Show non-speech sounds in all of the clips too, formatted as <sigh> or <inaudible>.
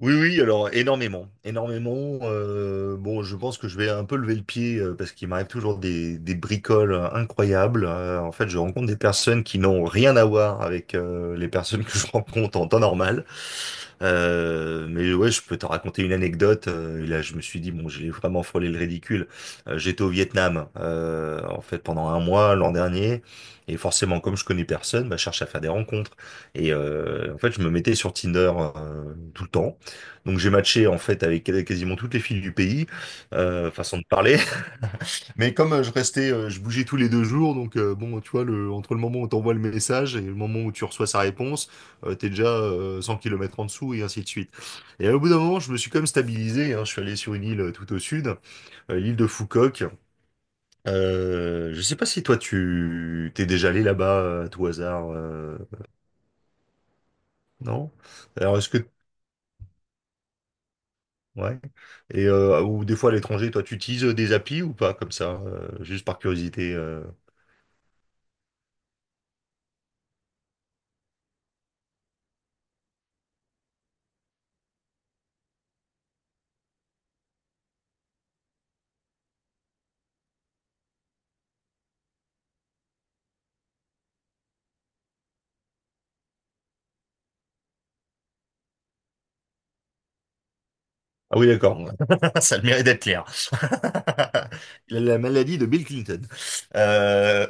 Oui, oui, alors énormément, énormément. Bon, je pense que je vais un peu lever le pied parce qu'il m'arrive toujours des bricoles incroyables. En fait, je rencontre des personnes qui n'ont rien à voir avec les personnes que je <laughs> rencontre en temps normal. Mais ouais, je peux te raconter une anecdote. Et là, je me suis dit, bon, j'ai vraiment frôlé le ridicule. J'étais au Vietnam, en fait, pendant un mois l'an dernier. Et forcément, comme je connais personne, bah, je cherche à faire des rencontres. En fait, je me mettais sur Tinder tout le temps. Donc j'ai matché en fait avec quasiment toutes les filles du pays, façon de parler. <laughs> Mais comme je bougeais tous les deux jours, donc bon, tu vois, entre le moment où t'envoies le message et le moment où tu reçois sa réponse, t'es déjà 100 kilomètres en dessous et ainsi de suite. Et au bout d'un moment, je me suis quand même stabilisé, hein. Je suis allé sur une île tout au sud, l'île de Foucauk. Je sais pas si toi tu t'es déjà allé là-bas à tout hasard, non? Alors est-ce que ouais. Ou des fois à l'étranger, toi, tu utilises des applis ou pas, comme ça, juste par curiosité. Ah oui, d'accord. <laughs> Ça a le mérite d'être clair. <laughs> La maladie de Bill Clinton. Euh,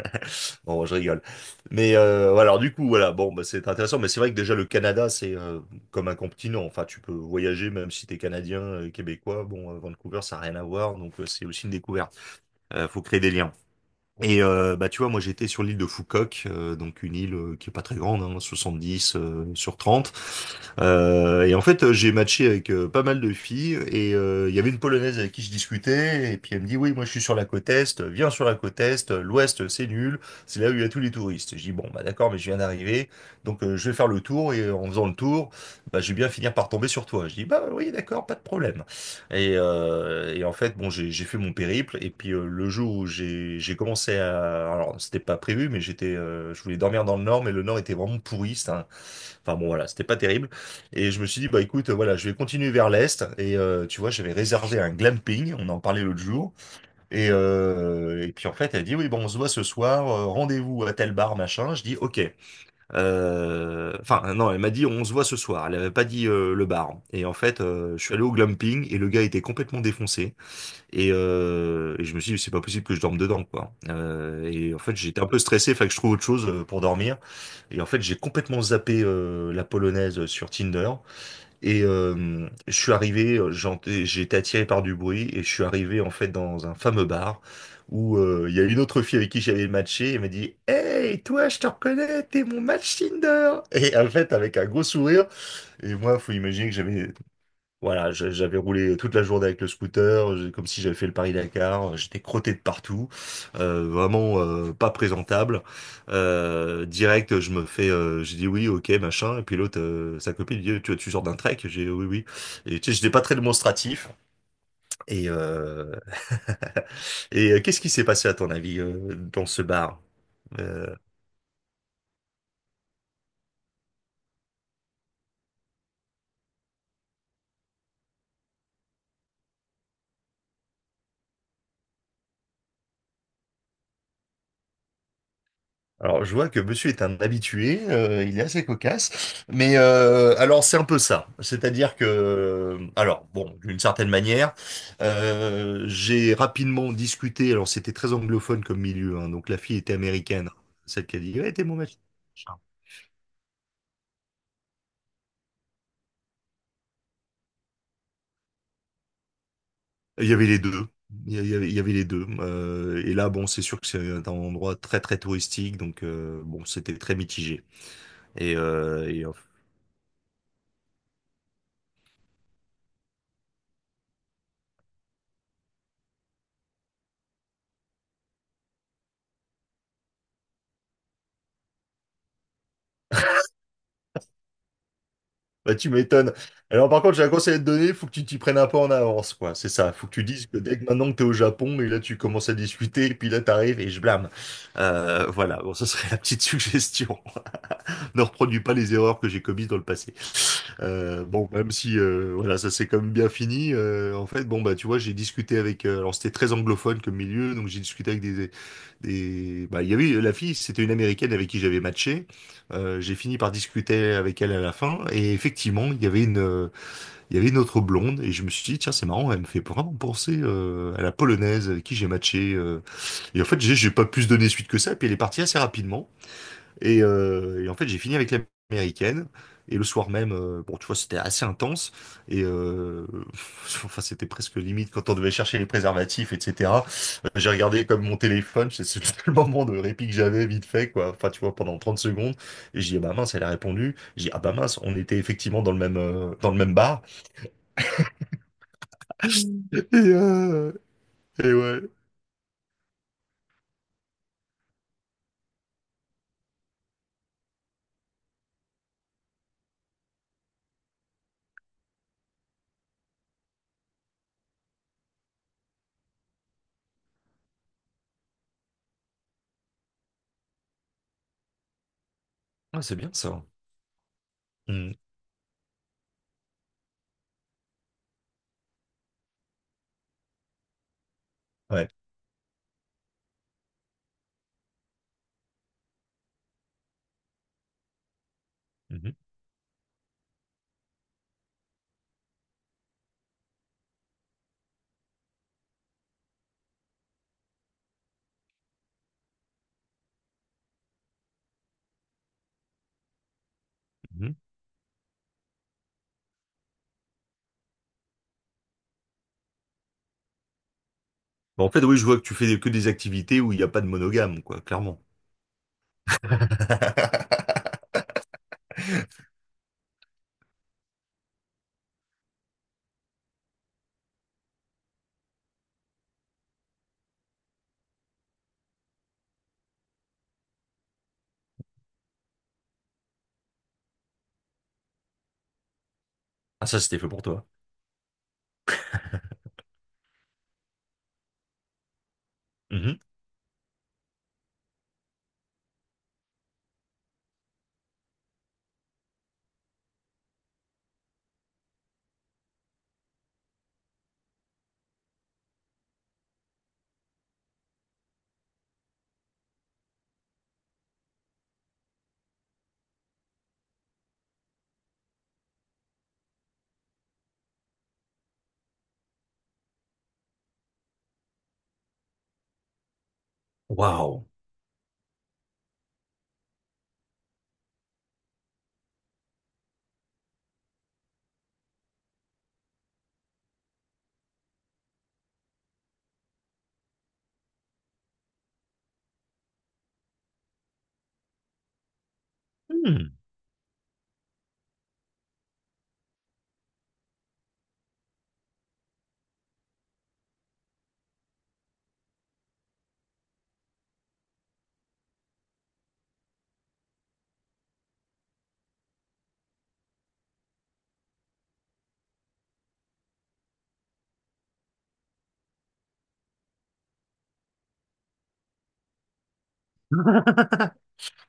<laughs> Bon, je rigole. Mais ouais, alors du coup, voilà, bon, bah, c'est intéressant. Mais c'est vrai que déjà le Canada, c'est comme un continent. Enfin, tu peux voyager même si t'es Canadien, Québécois. Bon, Vancouver, ça n'a rien à voir, donc c'est aussi une découverte. Faut créer des liens. Bah tu vois, moi j'étais sur l'île de Foucault donc une île qui est pas très grande, hein, 70 sur 30. J'ai matché avec pas mal de filles et il y avait une Polonaise avec qui je discutais et puis elle me dit, oui, moi je suis sur la côte Est, viens sur la côte Est, l'Ouest c'est nul, c'est là où il y a tous les touristes. Je dis, bon, bah d'accord, mais je viens d'arriver, donc je vais faire le tour et en faisant le tour, bah, je vais bien finir par tomber sur toi. Je dis, bah oui, d'accord, pas de problème. Et en fait, bon, j'ai fait mon périple et puis le jour où j'ai commencé à... Alors, c'était pas prévu, mais j'étais, je voulais dormir dans le Nord, mais le Nord était vraiment pourri, enfin bon, voilà, c'était pas terrible. Et je me suis dit, bah écoute, voilà, je vais continuer vers l'est. Tu vois, j'avais réservé un glamping, on en parlait l'autre jour. Et puis en fait, elle dit, oui, bon, on se voit ce soir, rendez-vous à tel bar, machin. Je dis, ok. Enfin, non, elle m'a dit, on se voit ce soir. Elle avait pas dit le bar. Et en fait, je suis allé au glamping et le gars était complètement défoncé. Et je me suis dit, c'est pas possible que je dorme dedans, quoi. Et en fait, j'étais un peu stressé, fallait que je trouve autre chose pour dormir. Et en fait, j'ai complètement zappé la polonaise sur Tinder. Je suis arrivé, j'ai été attiré par du bruit et je suis arrivé en fait dans un fameux bar où il y a une autre fille avec qui j'avais matché et elle m'a dit «Hey, toi, je te reconnais, t'es mon match Tinder!» Et en fait, avec un gros sourire, et moi, faut imaginer que j'avais voilà, j'avais roulé toute la journée avec le scooter, comme si j'avais fait le Paris-Dakar, j'étais crotté de partout, vraiment pas présentable. Direct, j'ai dit oui, ok, machin, et puis l'autre, sa copine, dit, tu sors d'un trek? J'ai oui, oui. Et tu sais, j'étais pas très démonstratif. Et, euh, <laughs> qu'est-ce qui s'est passé à ton avis dans ce bar? Euh, Alors, je vois que monsieur est un habitué, il est assez cocasse, mais alors c'est un peu ça. C'est-à-dire que, alors bon, d'une certaine manière, j'ai rapidement discuté, alors c'était très anglophone comme milieu, hein, donc la fille était américaine, celle qui a dit, ouais, t'es mon mec. Il y avait les deux. Il y avait les deux. Et là, bon, c'est sûr que c'est un endroit très, très touristique, donc bon, c'était très mitigé. Et, euh, et, Bah, tu m'étonnes. Alors, par contre, j'ai un conseil à te donner, faut que tu t'y prennes un peu en avance, quoi. C'est ça. Faut que tu dises que dès que maintenant que t'es au Japon, et là, tu commences à discuter, et puis là, t'arrives et je blâme. Voilà. Bon, ça serait la petite <laughs> suggestion. Ne reproduis pas les erreurs que j'ai commises dans le passé. Bon, même si, voilà, ça s'est quand même bien fini, en fait, bon, bah, tu vois, j'ai discuté avec, alors c'était très anglophone comme milieu, donc j'ai discuté avec et bah, il y avait la fille, c'était une Américaine avec qui j'avais matché. J'ai fini par discuter avec elle à la fin, et effectivement, il y avait il y avait une autre blonde, et je me suis dit, tiens, c'est marrant, elle me fait vraiment penser à la Polonaise avec qui j'ai matché. Et en fait, j'ai pas pu se donner suite que ça, et puis elle est partie assez rapidement. Et en fait, j'ai fini avec l'américaine. Et le soir même, bon, tu vois, c'était assez intense. Et euh, <laughs> enfin, c'était presque limite quand on devait chercher les préservatifs, etc. J'ai regardé comme mon téléphone, c'est <laughs> le moment de répit que j'avais vite fait, quoi. Enfin, tu vois, pendant 30 secondes. Et j'ai dit, ah bah mince, elle a répondu. J'ai dit, ah bah mince, on était effectivement dans le même bar. <laughs> Et, euh, et ouais. Ah, c'est bien ça. Mm. Ouais. Mhm. Mhm. Bon, en fait, oui, je vois que tu fais que des activités où il n'y a pas de monogame, quoi, clairement. <laughs> Ah, ça, c'était fait pour toi. Mhm. Waouh. Hmm.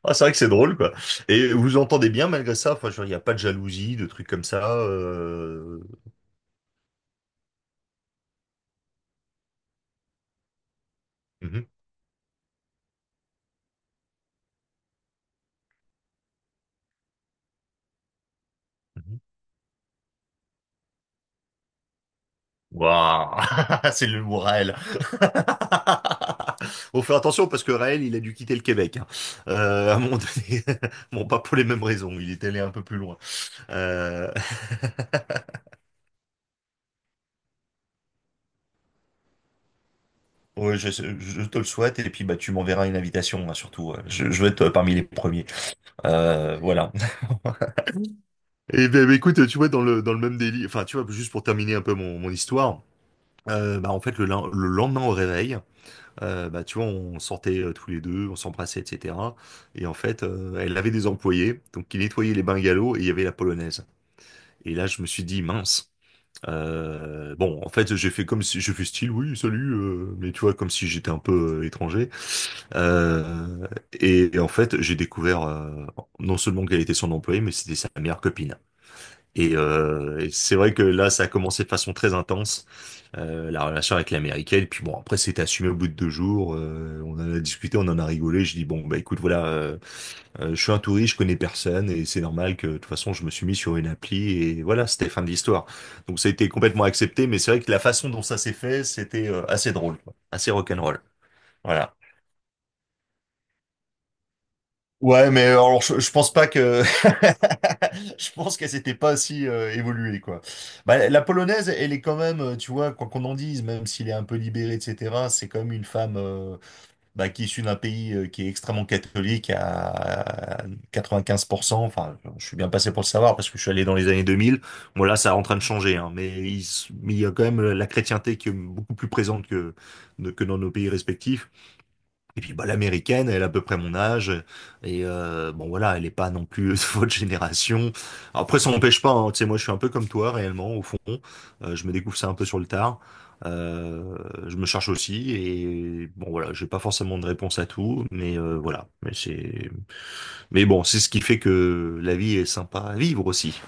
Ah, c'est vrai que c'est drôle, quoi. Et vous vous entendez bien malgré ça? Enfin, je veux dire, il n'y a pas de jalousie, de trucs comme ça. Mhm, mhm. Waouh! <laughs> C'est le mot Raël. <laughs> Faut faire attention parce que Raël, il a dû quitter le Québec, hein. À un moment donné. <laughs> Bon, pas pour les mêmes raisons. Il est allé un peu plus loin. Euh... <laughs> ouais, je te le souhaite. Et puis, bah, tu m'enverras une invitation, hein, surtout. Ouais. Je vais être parmi les premiers. Voilà. Et ben, ben, écoute, tu vois, dans le même délit, enfin, tu vois, juste pour terminer un peu mon histoire, bah, en fait, le lendemain au réveil, bah, tu vois, on sortait tous les deux, on s'embrassait, etc. Et en fait, elle avait des employés, donc qui nettoyaient les bungalows et il y avait la polonaise. Et là, je me suis dit, mince. Bon, en fait, j'ai fait comme si je fais style, oui, salut, mais tu vois, comme si j'étais un peu étranger. Euh, et en fait, j'ai découvert non seulement qu'elle était son employée, mais c'était sa meilleure copine. Et c'est vrai que là, ça a commencé de façon très intense, la relation avec l'américaine. Puis bon, après, c'était assumé au bout de deux jours. On en a discuté, on en a rigolé. Je dis, bon, bah écoute, voilà, je suis un touriste, je connais personne, et c'est normal que de toute façon, je me suis mis sur une appli, et voilà, c'était fin de l'histoire. Donc ça a été complètement accepté, mais c'est vrai que la façon dont ça s'est fait, c'était assez drôle, quoi, assez rock'n'roll. Voilà. Ouais, mais alors je pense pas que <laughs> je pense qu'elle s'était pas si évoluée quoi. Bah, la polonaise, elle est quand même, tu vois, quoi qu'on en dise, même s'il est un peu libéré, etc. C'est quand même une femme bah, qui est issue d'un pays qui est extrêmement catholique à 95%. Enfin, je suis bien passé pour le savoir parce que je suis allé dans les années 2000. Bon là, ça est en train de changer, hein, mais mais il y a quand même la chrétienté qui est beaucoup plus présente que dans nos pays respectifs. Et puis bah, l'américaine, elle a à peu près mon âge, et bon voilà, elle est pas non plus <laughs> de votre génération. Alors, après, ça n'empêche pas, hein, tu sais, moi je suis un peu comme toi réellement, au fond. Je me découvre ça un peu sur le tard. Euh, je me cherche aussi, et bon voilà, j'ai pas forcément de réponse à tout, mais voilà, mais bon, c'est ce qui fait que la vie est sympa à vivre aussi.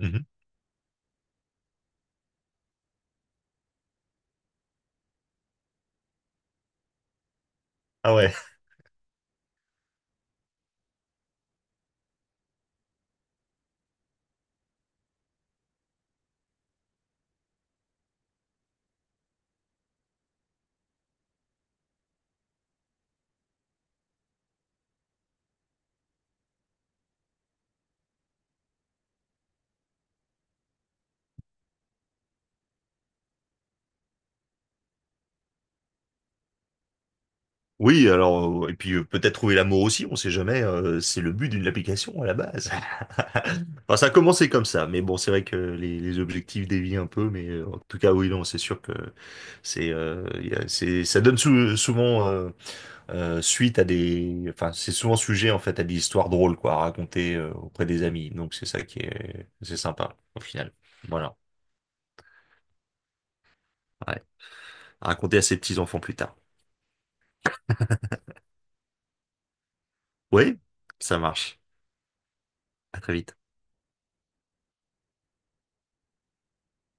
Mhm. Ah ouais. Oui, alors, et puis peut-être trouver l'amour aussi, on sait jamais, c'est le but d'une application à la base. <laughs> Enfin, ça a commencé comme ça, mais bon, c'est vrai que les objectifs dévient un peu, mais en tout cas, oui, non, c'est sûr que c'est, il y a- c'est, ça donne souvent suite à des, enfin, c'est souvent sujet en fait à des histoires drôles, quoi, à raconter auprès des amis. Donc c'est ça qui est, c'est sympa au final. Voilà, ouais. À raconter à ses petits-enfants plus tard. Oui, ça marche. À très vite.